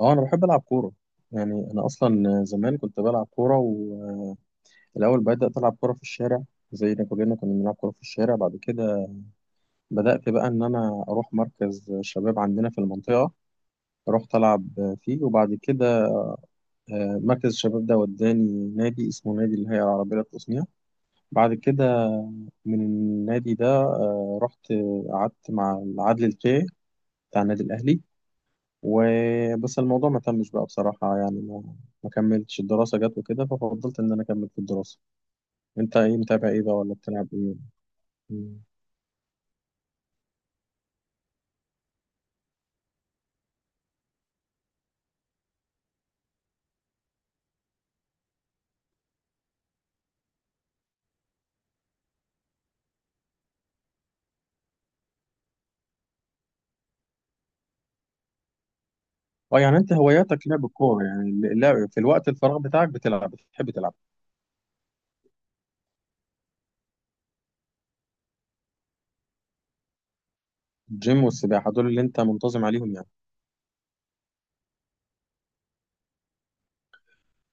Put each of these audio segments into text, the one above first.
اه انا بحب العب كوره. يعني انا اصلا زمان كنت بلعب كوره، والاول بدات العب كوره في الشارع، زي ما كلنا كنا بنلعب كوره في الشارع. بعد كده بدات بقى ان انا اروح مركز شباب عندنا في المنطقه، رحت العب فيه. وبعد كده مركز الشباب ده وداني نادي اسمه نادي الهيئه العربيه للتصنيع. بعد كده من النادي ده رحت قعدت مع العدل الكي بتاع النادي الاهلي، وبس الموضوع ما تمش بقى بصراحة، يعني ما كملتش الدراسة، جت وكده ففضلت إن أنا أكمل في الدراسة. أنت إيه، متابع إيه بقى ولا بتلعب إيه؟ مم. أه يعني أنت هواياتك لعب الكورة، يعني اللعب في الوقت الفراغ بتاعك بتلعب، بتحب تلعب الجيم والسباحة، دول اللي أنت منتظم عليهم يعني.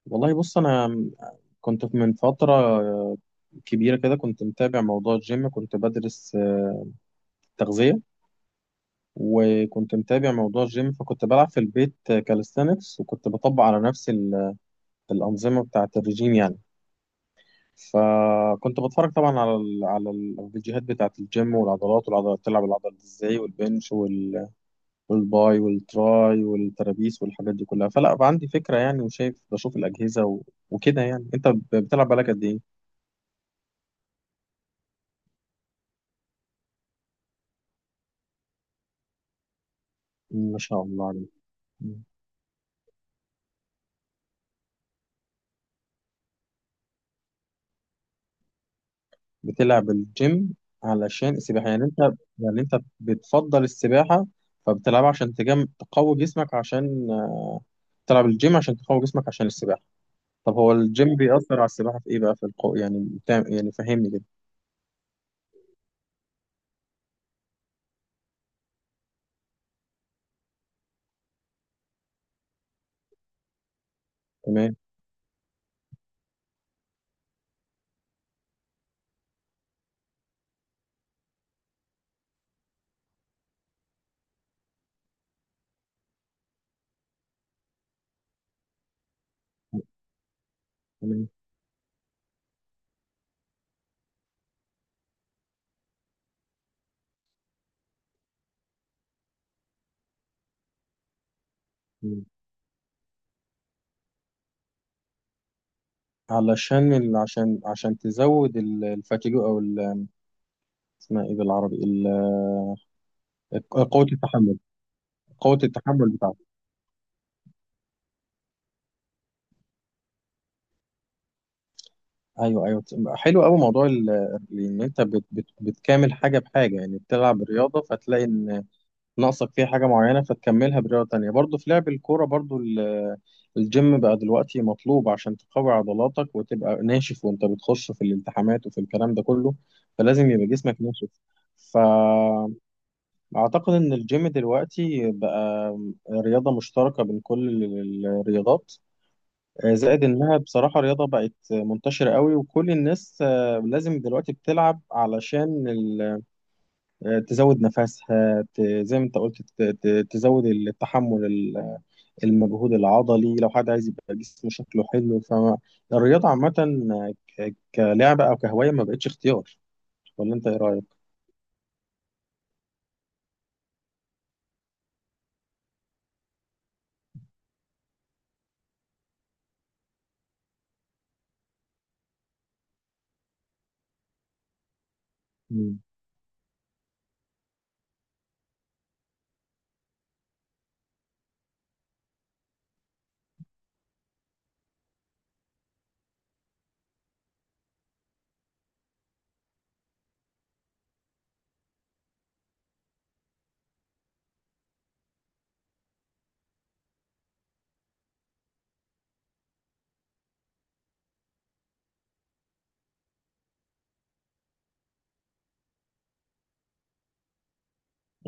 والله بص، أنا كنت من فترة كبيرة كده كنت متابع موضوع الجيم، كنت بدرس تغذية، وكنت متابع موضوع الجيم. فكنت بلعب في البيت كاليستانكس، وكنت بطبق على نفسي الأنظمة بتاعة الرجيم يعني. فكنت بتفرج طبعا على الفيديوهات بتاعة الجيم والعضلات، والعضلات تلعب العضلات ازاي، والبنش والباي والتراي والترابيس والحاجات دي كلها، فلا بقى عندي فكرة يعني، وشايف الأجهزة وكده يعني. أنت بتلعب بالك قد إيه؟ ما شاء الله عليك. مم. بتلعب الجيم علشان السباحة يعني، أنت يعني أنت بتفضل السباحة، فبتلعبها عشان تقوي جسمك، عشان تلعب الجيم عشان تقوي جسمك عشان السباحة. طب هو الجيم بيأثر على السباحة في إيه بقى، في القوة يعني يعني فهمني كده. تمام. تمام. تمام. عشان تزود الفاتيجو أو اسمها إيه بالعربي قوة التحمل. قوة التحمل بتاعتك. أيوه، أيوه. حلو أوي موضوع إن أنت بتكامل حاجة بحاجة يعني، بتلعب رياضة فتلاقي إن ناقصك فيها حاجة معينة فتكملها برياضة تانية. برضو في لعب الكورة، برضو الجيم بقى دلوقتي مطلوب عشان تقوي عضلاتك وتبقى ناشف، وانت بتخش في الالتحامات وفي الكلام ده كله، فلازم يبقى جسمك ناشف. فأعتقد إن الجيم دلوقتي بقى رياضة مشتركة بين كل الرياضات. زائد إنها بصراحة رياضة بقت منتشرة قوي، وكل الناس لازم دلوقتي بتلعب علشان تزود نفسها، زي ما انت قلت، تزود التحمل، المجهود العضلي، لو حد عايز يبقى جسمه شكله حلو. فالرياضة عامة كلعبة أو كهواية ما بقتش اختيار، ولا أنت إيه رأيك؟ مم.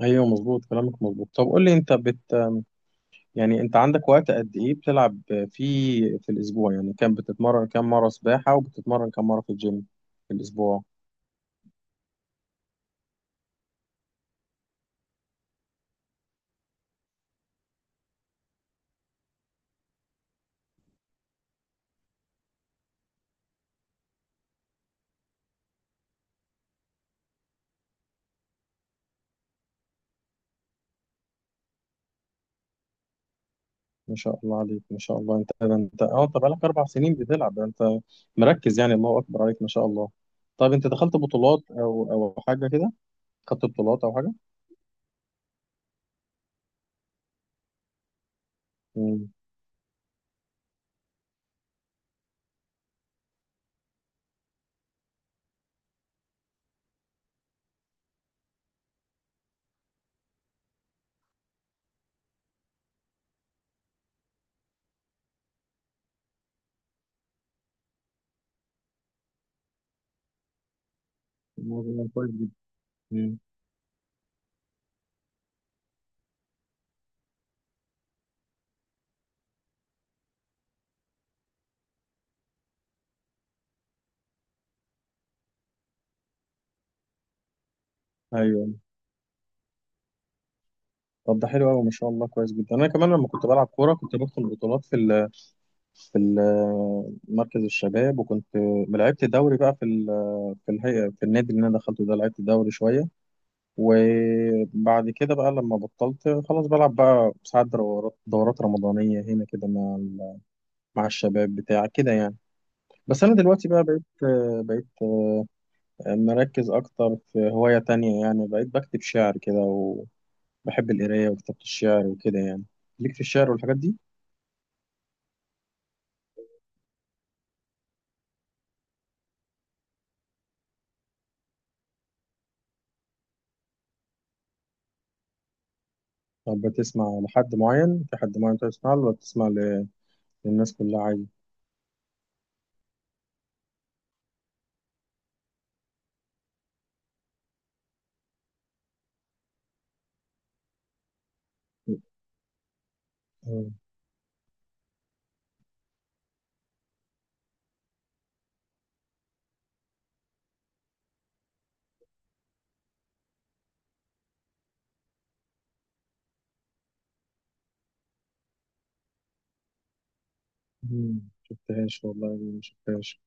ايوه، مظبوط كلامك، مظبوط. طب قول لي انت يعني انت عندك وقت قد ايه بتلعب فيه في الاسبوع، يعني كم بتتمرن، كم مره سباحه، وبتتمرن كم مره في الجيم في الاسبوع؟ ما شاء الله عليك، ما شاء الله. انت ده انت اه انت بقالك 4 سنين بتلعب، ده انت مركز يعني، الله اكبر عليك، ما شاء الله. طب انت دخلت بطولات او او حاجه كده، خدت بطولات او حاجه؟ امم. الموضوع كويس جدا. امم. ايوه. طب ده حلو قوي، ما شاء الله، كويس جدا. انا كمان لما كنت بلعب كوره كنت بدخل بطولات في في مركز الشباب، وكنت لعبت دوري بقى في في الهيئه، في النادي اللي انا دخلته ده لعبت دوري شويه. وبعد كده بقى لما بطلت خلاص بلعب، بقى ساعات دورات رمضانية هنا كده مع مع الشباب بتاع كده يعني. بس أنا دلوقتي بقى بقيت مركز أكتر في هواية تانية، يعني بقيت بكتب شعر كده، وبحب القراية وكتابة الشعر وكده يعني. ليك في الشعر والحاجات دي؟ طب بتسمع لحد معين، في حد معين بتسمع له ولا بتسمع للناس كلها عادي؟ آه، مم، شفتهاش والله، ما شفتهاش.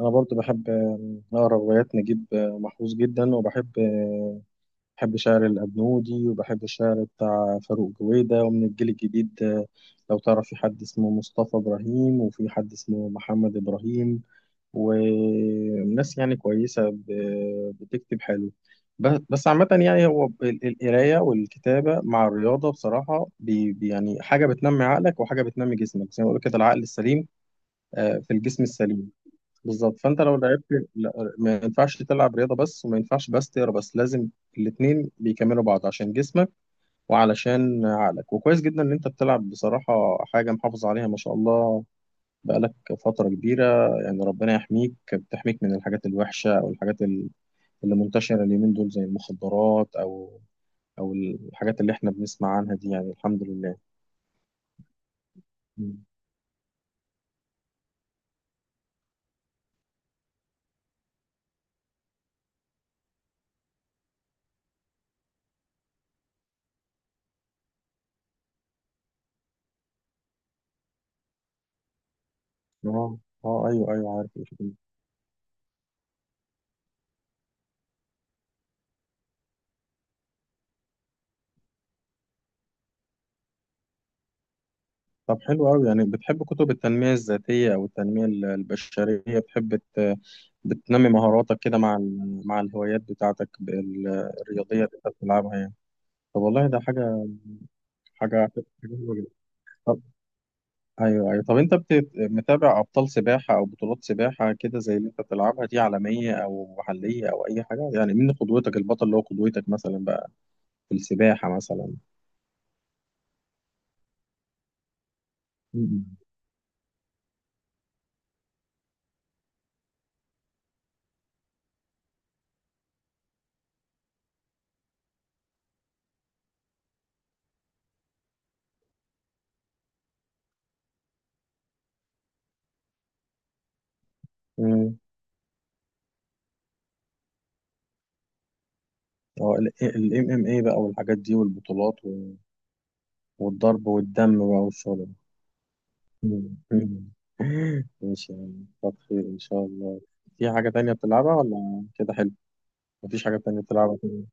انا برضو بحب اقرا روايات نجيب محفوظ جدا، وبحب بحب شعر الابنودي، وبحب الشعر بتاع فاروق جويدة. ومن الجيل الجديد لو تعرف، في حد اسمه مصطفى ابراهيم، وفي حد اسمه محمد ابراهيم، وناس يعني كويسة بتكتب حلو. بس عامة يعني، هو القراية والكتابة مع الرياضة بصراحة يعني حاجة بتنمي عقلك وحاجة بتنمي جسمك، زي ما بقول كده، العقل السليم في الجسم السليم. بالظبط. فانت لو لعبت ما ينفعش تلعب رياضه بس، وما ينفعش بس تقرا، بس لازم الاتنين بيكملوا بعض عشان جسمك وعلشان عقلك. وكويس جدا ان انت بتلعب بصراحه، حاجه محافظ عليها ما شاء الله، بقالك فتره كبيره. يعني ربنا يحميك، بتحميك من الحاجات الوحشه او الحاجات اللي منتشره اليومين دول زي المخدرات او او الحاجات اللي احنا بنسمع عنها دي يعني، الحمد لله. مم. اه. اه ايوه، ايوه عارف. طب حلو أوي، يعني بتحب كتب التنمية الذاتية أو التنمية البشرية، بتحب بتنمي مهاراتك كده مع مع الهوايات بتاعتك الرياضية اللي أنت بتلعبها يعني. طب والله ده حاجة، حاجة حلوة جدا. طب أيوه، أيوه. طب أنت متابع أبطال سباحة أو بطولات سباحة كده زي اللي أنت بتلعبها دي، عالمية أو محلية أو أي حاجة يعني؟ مين قدوتك، البطل اللي هو قدوتك مثلا بقى في السباحة مثلا؟ امم. اه، MMA بقى والحاجات دي والبطولات، والضرب والدم بقى والشغل. مم. ده ماشي يعني، كتر خير إن شاء الله. في حاجة تانية بتلعبها ولا كده حلو؟ مفيش حاجة تانية بتلعبها كده.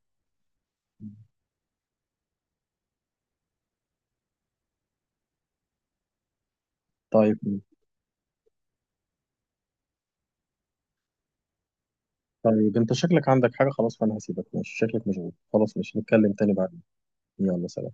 طيب. طيب أنت شكلك عندك حاجة خلاص، فأنا هسيبك ماشي، شكلك مشغول خلاص، ماشي نتكلم تاني بعدين. يلا سلام.